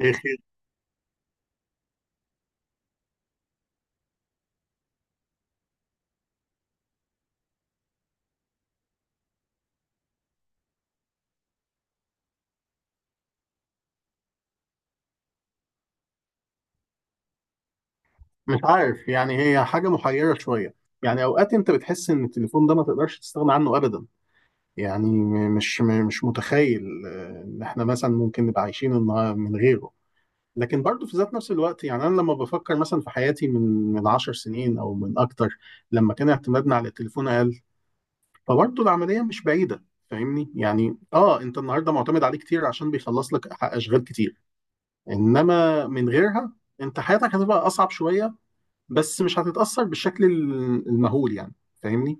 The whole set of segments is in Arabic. إيه خير؟ مش عارف يعني هي حاجة محيرة شوية. يعني أوقات أنت بتحس إن التليفون ده ما تقدرش تستغنى عنه أبدا. يعني مش متخيل إن إحنا مثلا ممكن نبقى عايشين من غيره. لكن برضه في ذات نفس الوقت، يعني أنا لما بفكر مثلا في حياتي من 10 سنين أو من أكتر، لما كان اعتمادنا على التليفون أقل، فبرضه العملية مش بعيدة. فاهمني؟ يعني اه، انت النهارده معتمد عليه كتير عشان بيخلص لك اشغال كتير، انما من غيرها انت حياتك هتبقى اصعب شويه، بس مش هتتأثر بالشكل المهول يعني. فاهمني؟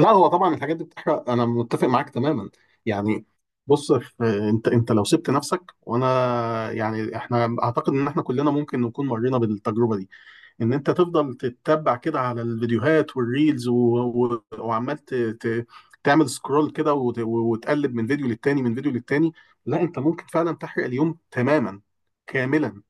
لا، هو طبعا الحاجات دي بتحرق، انا متفق معاك تماما. يعني بص، انت لو سبت نفسك وانا، يعني احنا اعتقد ان احنا كلنا ممكن نكون مرينا بالتجربه دي، ان انت تفضل تتبع كده على الفيديوهات والريلز و تعمل سكرول كده وت... وتقلب من فيديو للتاني، من فيديو للتاني. لا، انت ممكن فعلا تحرق اليوم تماما كاملا.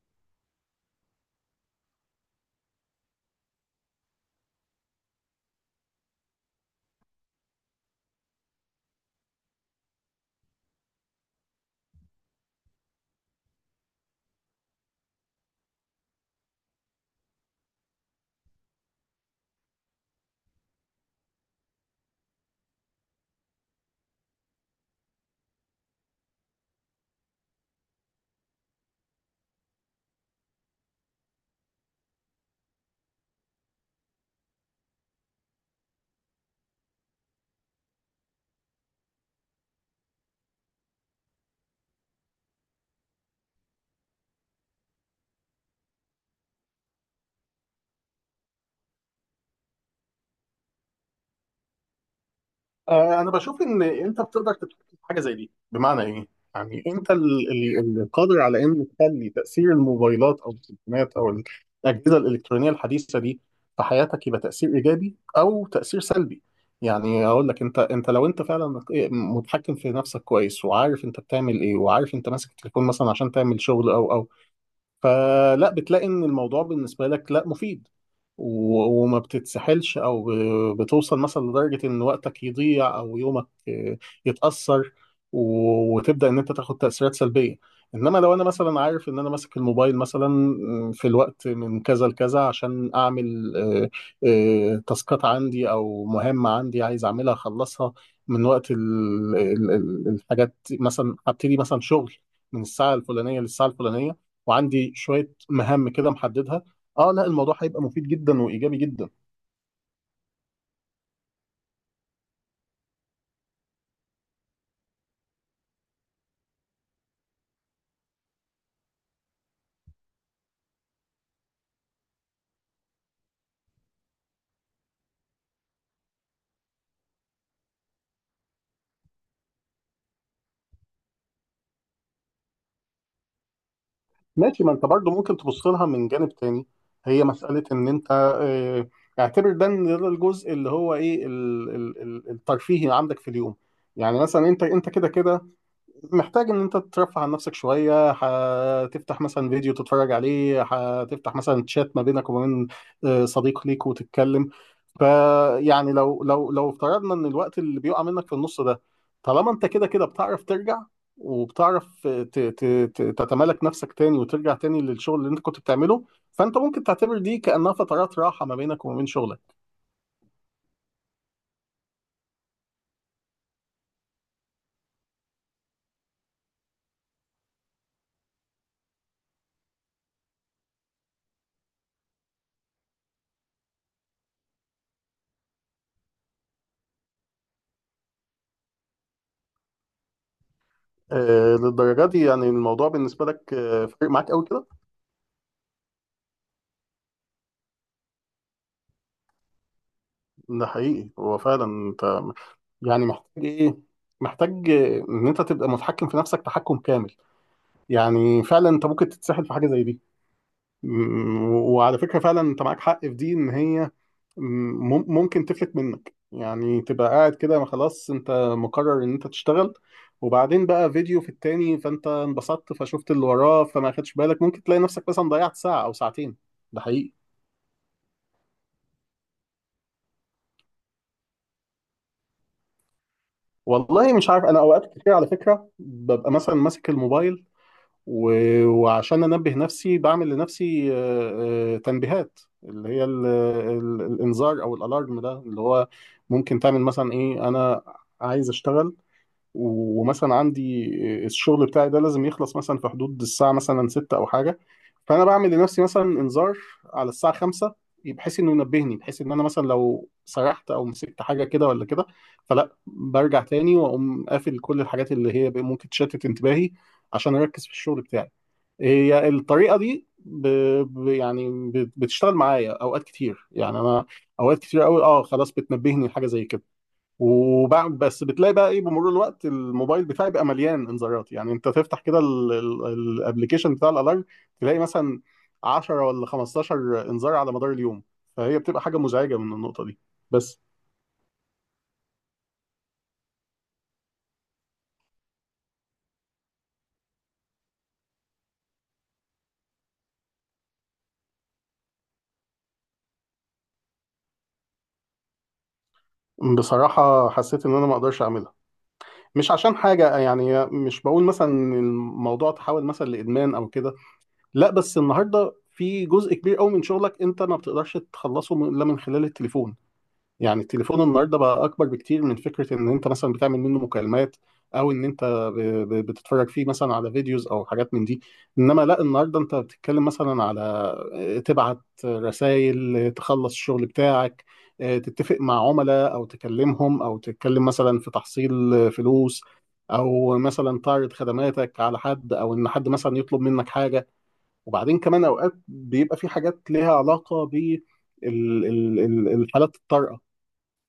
انا بشوف ان انت بتقدر تتحكم في حاجه زي دي. بمعنى ايه؟ يعني انت القادر على ان تخلي تاثير الموبايلات او التليفونات او الاجهزه الالكترونيه الحديثه دي في حياتك يبقى تاثير ايجابي او تاثير سلبي. يعني اقول لك، انت لو فعلا متحكم في نفسك كويس، وعارف انت بتعمل ايه، وعارف انت ماسك التليفون مثلا عشان تعمل شغل او، فلا بتلاقي ان الموضوع بالنسبه لك لا مفيد، وما بتتسحلش او بتوصل مثلا لدرجه ان وقتك يضيع او يومك يتاثر، وتبدا ان انت تاخد تاثيرات سلبيه. انما لو انا مثلا عارف ان انا ماسك الموبايل مثلا في الوقت من كذا لكذا عشان اعمل تاسكات عندي او مهمه عندي عايز اعملها اخلصها. من وقت الحاجات، مثلا هبتدي مثلا شغل من الساعه الفلانيه للساعه الفلانيه وعندي شويه مهام كده محددها، اه لا الموضوع هيبقى مفيد جدا وايجابي جدا. ماشي، ما انت برضو ممكن تبص لها من جانب تاني. هي مساله ان انت آه، اعتبر ده إن ده الجزء اللي هو ايه الترفيهي عندك في اليوم. يعني مثلا انت كده كده محتاج ان انت ترفه عن نفسك شويه، هتفتح مثلا فيديو تتفرج عليه، هتفتح مثلا تشات ما بينك وما بين صديق ليك وتتكلم. فيعني لو افترضنا ان الوقت اللي بيقع منك في النص ده، طالما انت كده كده بتعرف ترجع وبتعرف تتمالك نفسك تاني وترجع تاني للشغل اللي انت كنت بتعمله، فانت ممكن تعتبر دي كأنها فترات راحه ما بينك وما بين شغلك. للدرجه دي يعني الموضوع بالنسبه لك فارق معاك قوي كده؟ ده حقيقي، هو فعلا انت يعني محتاج ايه؟ محتاج ان انت تبقى متحكم في نفسك تحكم كامل. يعني فعلا انت ممكن تتسحل في حاجه زي دي. وعلى فكره فعلا انت معاك حق في دي، ان هي ممكن تفلت منك. يعني تبقى قاعد كده، ما خلاص انت مقرر ان انت تشتغل، وبعدين بقى فيديو في التاني فانت انبسطت فشفت اللي وراه فما خدش بالك، ممكن تلاقي نفسك مثلا ضيعت ساعه او ساعتين. ده حقيقي. والله مش عارف، انا اوقات كتير على فكره ببقى مثلا ماسك الموبايل، وعشان انبه نفسي بعمل لنفسي تنبيهات اللي هي الانذار او الالارم ده، اللي هو ممكن تعمل مثلا ايه، انا عايز اشتغل، ومثلا عندي الشغل بتاعي ده لازم يخلص مثلا في حدود الساعة مثلا ستة او حاجة، فانا بعمل لنفسي مثلا انذار على الساعة خمسة، بحيث انه ينبهني، بحيث ان انا مثلا لو سرحت او مسكت حاجة كده ولا كده، فلا برجع تاني واقوم قافل كل الحاجات اللي هي ممكن تشتت انتباهي عشان اركز في الشغل بتاعي. هي الطريقه دي بتشتغل معايا اوقات كتير. يعني انا اوقات كتير قوي اه خلاص بتنبهني لحاجه زي كده، وبعد بس بتلاقي بقى ايه بمرور الوقت الموبايل بتاعي بقى مليان انذارات، يعني انت تفتح كده الابلكيشن بتاع الالارم تلاقي مثلا 10 ولا 15 انذار على مدار اليوم، فهي بتبقى حاجه مزعجه من النقطه دي بس. بصراحة حسيت إن أنا ما أقدرش أعملها، مش عشان حاجة، يعني مش بقول مثلا إن الموضوع تحول مثلا لإدمان أو كده، لا، بس النهارده في جزء كبير قوي من شغلك انت ما بتقدرش تخلصه الا من خلال التليفون. يعني التليفون النهارده بقى اكبر بكتير من فكره ان انت مثلا بتعمل منه مكالمات او ان انت ب- بتتفرج فيه مثلا على فيديوز او حاجات من دي. انما لا، النهارده انت بتتكلم مثلا على تبعت رسائل، تخلص الشغل بتاعك، تتفق مع عملاء او تكلمهم او تتكلم مثلا في تحصيل فلوس، او مثلا تعرض خدماتك على حد او ان حد مثلا يطلب منك حاجه. وبعدين كمان اوقات بيبقى في حاجات ليها علاقه بالحالات الطارئه،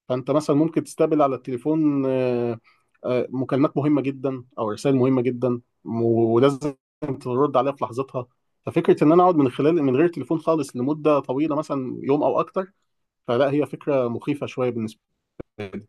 فانت مثلا ممكن تستقبل على التليفون مكالمات مهمه جدا او رسائل مهمه جدا، ولازم ترد عليها في لحظتها. ففكره ان انا اقعد من خلال من غير تليفون خالص لمده طويله مثلا يوم او اكتر، فلا، هي فكره مخيفه شويه بالنسبه لي.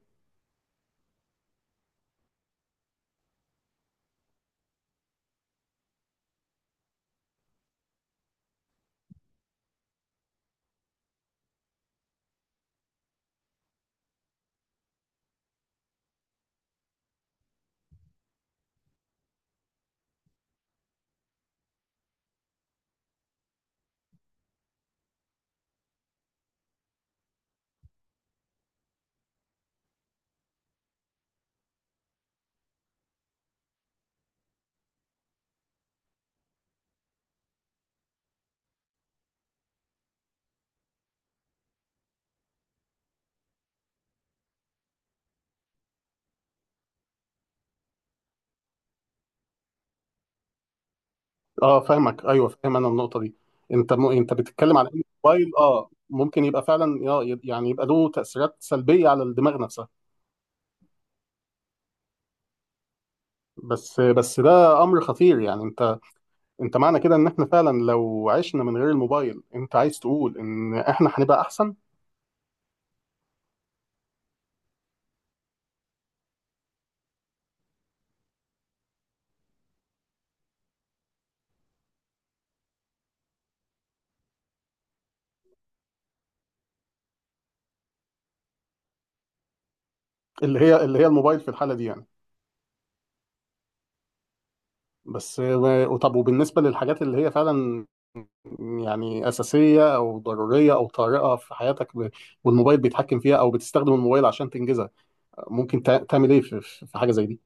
اه، فاهمك، ايوه فاهم انا النقطه دي. انت انت بتتكلم على إن الموبايل اه ممكن يبقى فعلا يعني يبقى له تاثيرات سلبيه على الدماغ نفسها. بس ده امر خطير. يعني انت، انت معنى كده ان احنا فعلا لو عشنا من غير الموبايل انت عايز تقول ان احنا هنبقى احسن؟ اللي هي الموبايل في الحالة دي يعني. بس طب وبالنسبة للحاجات اللي هي فعلا يعني أساسية أو ضرورية أو طارئة في حياتك، والموبايل بيتحكم فيها أو بتستخدم الموبايل عشان تنجزها، ممكن تعمل إيه في في حاجة زي دي؟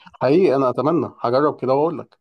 حقيقي أنا أتمنى هجرب كده وأقول لك.